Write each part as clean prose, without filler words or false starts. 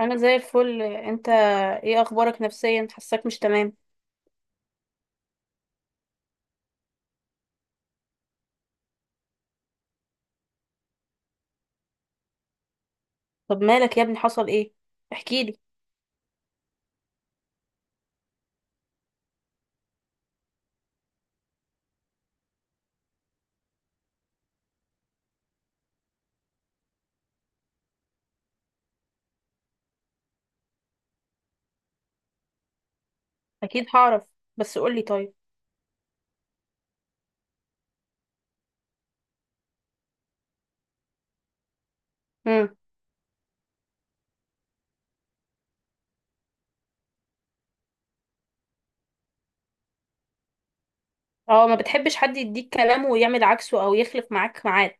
انا زي الفل. انت ايه اخبارك نفسيا؟ حاساك مش تمام. طب مالك يا ابني؟ حصل ايه؟ احكيلي. اكيد هعرف، بس قولي طيب. امم. اه، ما بتحبش حد يديك كلام ويعمل عكسه او يخلف معاك ميعاد.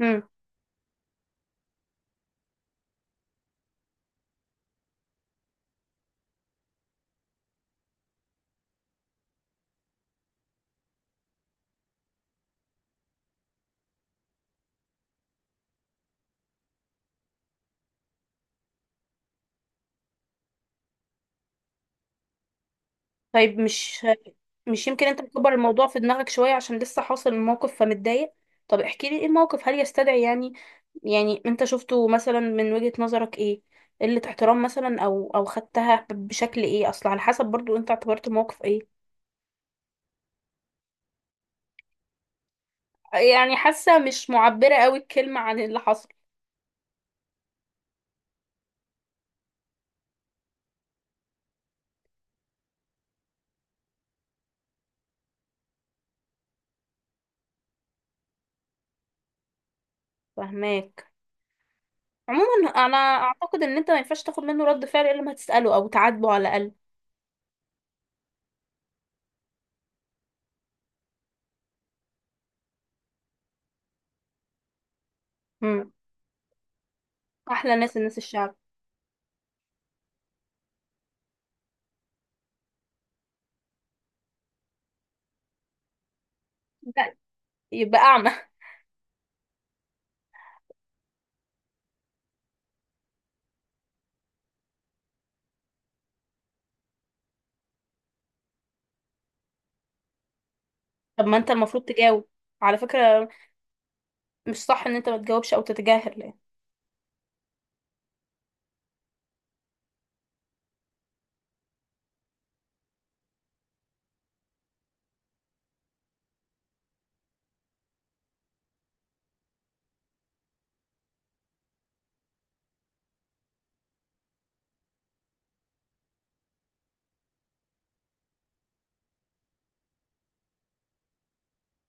امم. طيب. مش يمكن انت مكبر الموضوع في دماغك شويه عشان لسه حاصل الموقف فمتضايق؟ طب احكيلي ايه الموقف، هل يستدعي يعني؟ يعني انت شفته مثلا من وجهة نظرك ايه؟ قلة احترام مثلا، او خدتها بشكل ايه؟ اصل على حسب برضو انت اعتبرت الموقف ايه. يعني حاسة مش معبرة قوي الكلمة عن اللي حصل. فهماك. عموما انا اعتقد ان انت ما ينفعش تاخد منه رد فعل الا لما تسأله او تعاتبه على الاقل. مم. احلى ناس الناس الشعب. لا، يبقى اعمى. طب ما انت المفروض تجاوب على فكرة. مش صح ان انت ما تجاوبش او تتجاهل يعني.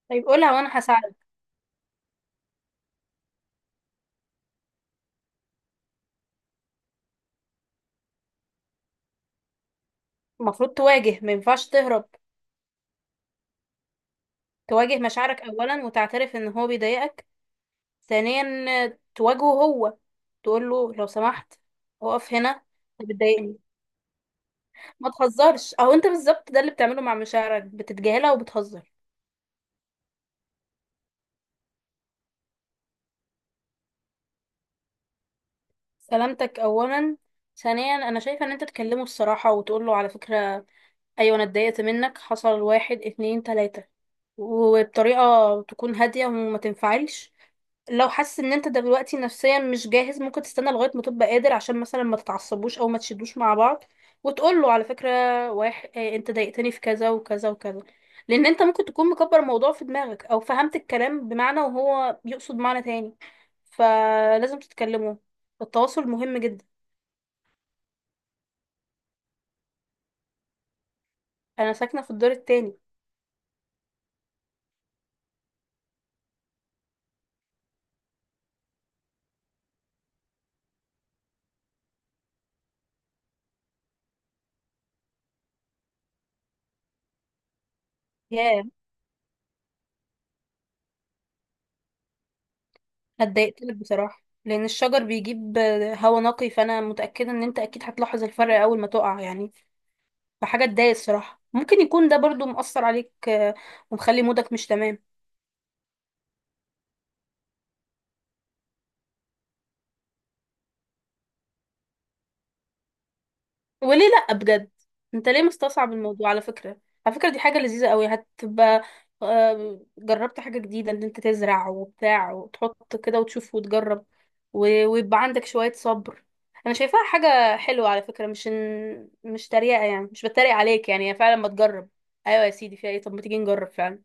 طيب قولها وانا هساعدك. المفروض تواجه، ما ينفعش تهرب. تواجه مشاعرك اولا وتعترف ان هو بيضايقك. ثانيا تواجهه هو. تقول له لو سمحت، اقف هنا، انت بتضايقني. ما تهزرش، او انت بالظبط ده اللي بتعمله مع مشاعرك، بتتجاهلها وبتهزر. سلامتك اولا. ثانيا انا شايفه ان انت تكلمه الصراحه وتقول له على فكره، ايوه انا اتضايقت منك، حصل واحد اتنين تلاتة، وبطريقة تكون هادية وما تنفعلش. لو حاسس ان انت دلوقتي نفسيا مش جاهز، ممكن تستنى لغاية ما تبقى قادر عشان مثلا ما تتعصبوش او ما تشدوش مع بعض. وتقول له على فكرة، واحد إيه، انت ضايقتني في كذا وكذا وكذا. لان انت ممكن تكون مكبر الموضوع في دماغك او فهمت الكلام بمعنى وهو بيقصد معنى تاني. فلازم تتكلموا، التواصل مهم جدا. انا ساكنة في الدور التاني. ياه. هتضايقت لك بصراحة، لأن الشجر بيجيب هوا نقي، فأنا متأكدة إن أنت أكيد هتلاحظ الفرق أول ما تقع يعني. فحاجة تضايق الصراحة، ممكن يكون ده برضو مؤثر عليك ومخلي مودك مش تمام. وليه لا؟ بجد. انت ليه مستصعب الموضوع على فكرة؟ على فكرة دي حاجة لذيذة قوي هتبقى. جربت حاجة جديدة ان انت تزرع وبتاع وتحط كده وتشوف وتجرب. ويبقى عندك شوية صبر. انا شايفاها حاجة حلوة على فكرة، مش تريقة يعني، مش بتريق عليك يعني، هي فعلا. ما تجرب؟ ايوه يا سيدي فيها ايه؟ طب ما تيجي نجرب فعلا.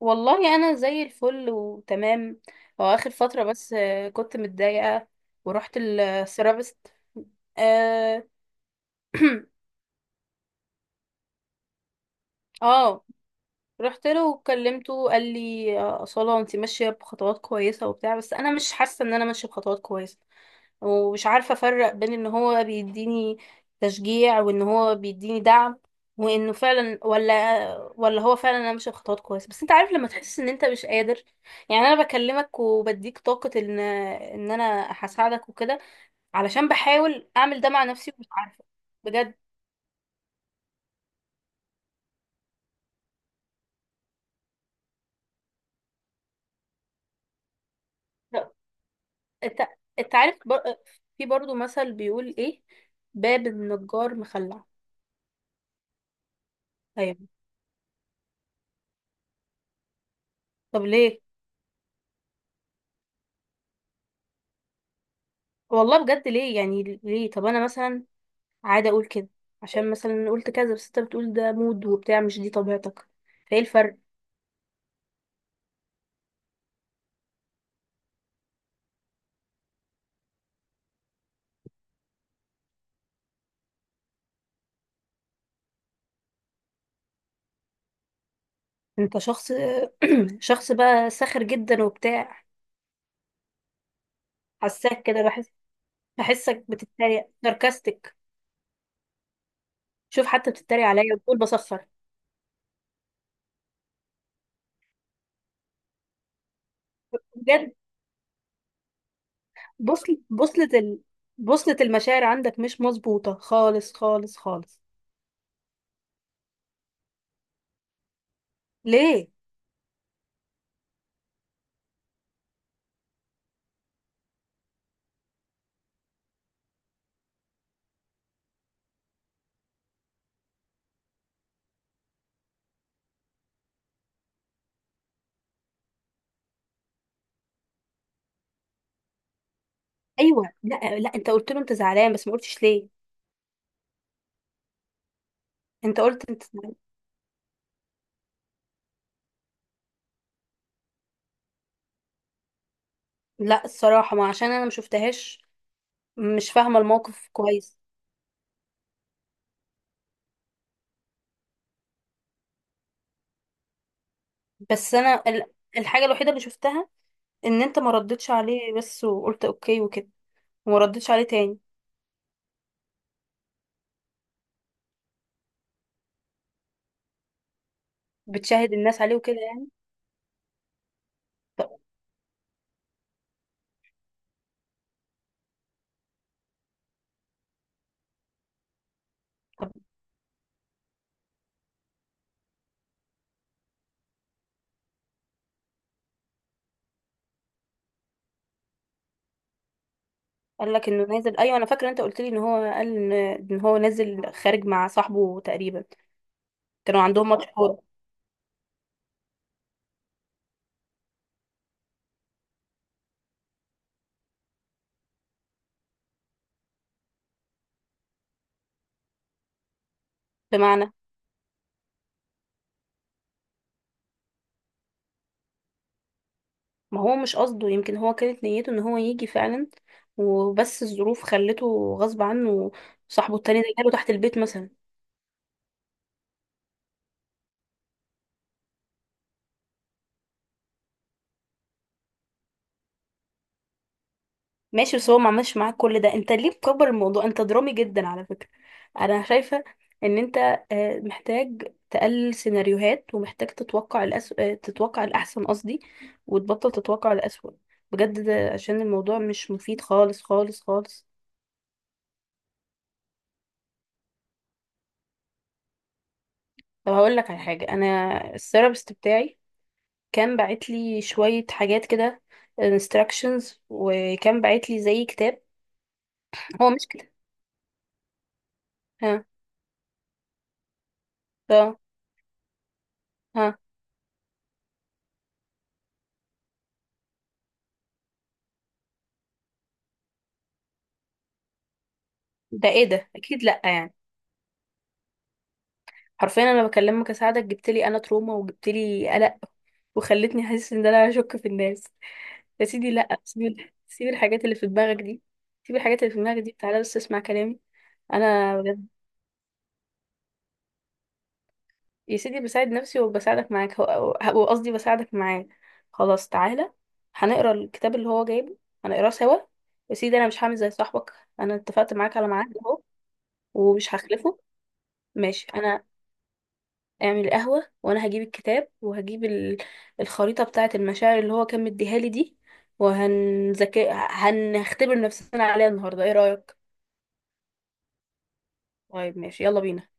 والله انا زي الفل وتمام. هو اخر فترة بس كنت متضايقة. ورحت الثيرابيست. اه. اه رحت له وكلمته، قال لي أصالة انت ماشية بخطوات كويسة وبتاع، بس أنا مش حاسة إن أنا ماشية بخطوات كويسة. ومش عارفة أفرق بين إن هو بيديني تشجيع وإن هو بيديني دعم، وإنه فعلا ولا هو فعلا أنا ماشية بخطوات كويسة. بس أنت عارف لما تحس إن أنت مش قادر يعني. أنا بكلمك وبديك طاقة إن أنا هساعدك وكده، علشان بحاول أعمل ده مع نفسي ومش عارفة. بجد. انت انت عارف في برضو مثل بيقول ايه: باب النجار مخلع. ايوه. طب ليه؟ والله بجد ليه يعني؟ ليه؟ طب انا مثلا عادة اقول كده عشان مثلا قلت كذا، بس انت بتقول ده مود وبتاع، مش دي طبيعتك، فايه الفرق؟ انت شخص شخص بقى ساخر جدا وبتاع. حساك كده، بحسك بتتريق، ساركاستك. شوف حتى بتتريق عليا وبتقول بسخر. بجد. بوصلة بوصلة ال... بوصلة المشاعر عندك مش مظبوطة خالص خالص خالص. ليه؟ ايوه. لا لا، انت قلت له انت زعلان بس ما قلتش ليه. انت قلت انت زعلان. لا، الصراحه ما عشان انا ما شفتهاش، مش فاهمه الموقف كويس. بس انا الحاجه الوحيده اللي شفتها ان انت ما ردتش عليه، بس وقلت اوكي وكده، وما ردتش عليه تاني. بتشاهد الناس عليه وكده يعني. طب طب قال لك انه نازل؟ ايوه انا فاكره انت قلت لي ان هو قال ان هو نازل خارج مع صاحبه تقريبا. كانوا عندهم ماتش كوره. بمعنى؟ ما هو مش قصده، يمكن هو كانت نيته ان هو يجي فعلا، وبس الظروف خلته غصب عنه. صاحبه التاني ده جاله تحت البيت مثلا. ماشي، بس هو ما عملش معاك كل ده، انت ليه مكبر الموضوع؟ انت درامي جدا على فكرة. انا شايفة ان انت محتاج تقلل سيناريوهات ومحتاج تتوقع الأس... آه، تتوقع الأحسن قصدي. وتبطل تتوقع الأسوأ. بجد ده عشان الموضوع مش مفيد خالص خالص خالص. طب هقول لك على حاجة: انا الثيرابيست بتاعي كان باعت لي شوية حاجات كده، instructions، وكان باعت لي زي كتاب. هو مش كتاب. ها؟ ها؟ ها؟ ده ايه ده؟ اكيد لا يعني. حرفيا انا بكلمك اساعدك، جبت لي انا تروما وجبت لي قلق، وخلتني احس ان انا هشك في الناس. يا سيدي لا، سيب الحاجات اللي في دماغك دي. سيب الحاجات اللي في دماغك دي، تعالى بس اسمع كلامي. انا يا سيدي بساعد نفسي وبساعدك معاك، وقصدي بساعدك معاه. خلاص تعالى، هنقرا الكتاب اللي هو جايبه، هنقراه سوا. يا سيدي انا مش هعمل زي صاحبك. انا اتفقت معاك على ميعاد اهو ومش هخلفه. ماشي، انا اعمل قهوة وانا هجيب الكتاب وهجيب الخريطة بتاعة المشاعر اللي هو كان مديها لي دي. وهنذاكر، هنختبر نفسنا عليها النهارده، ايه رأيك؟ طيب ماشي، يلا بينا.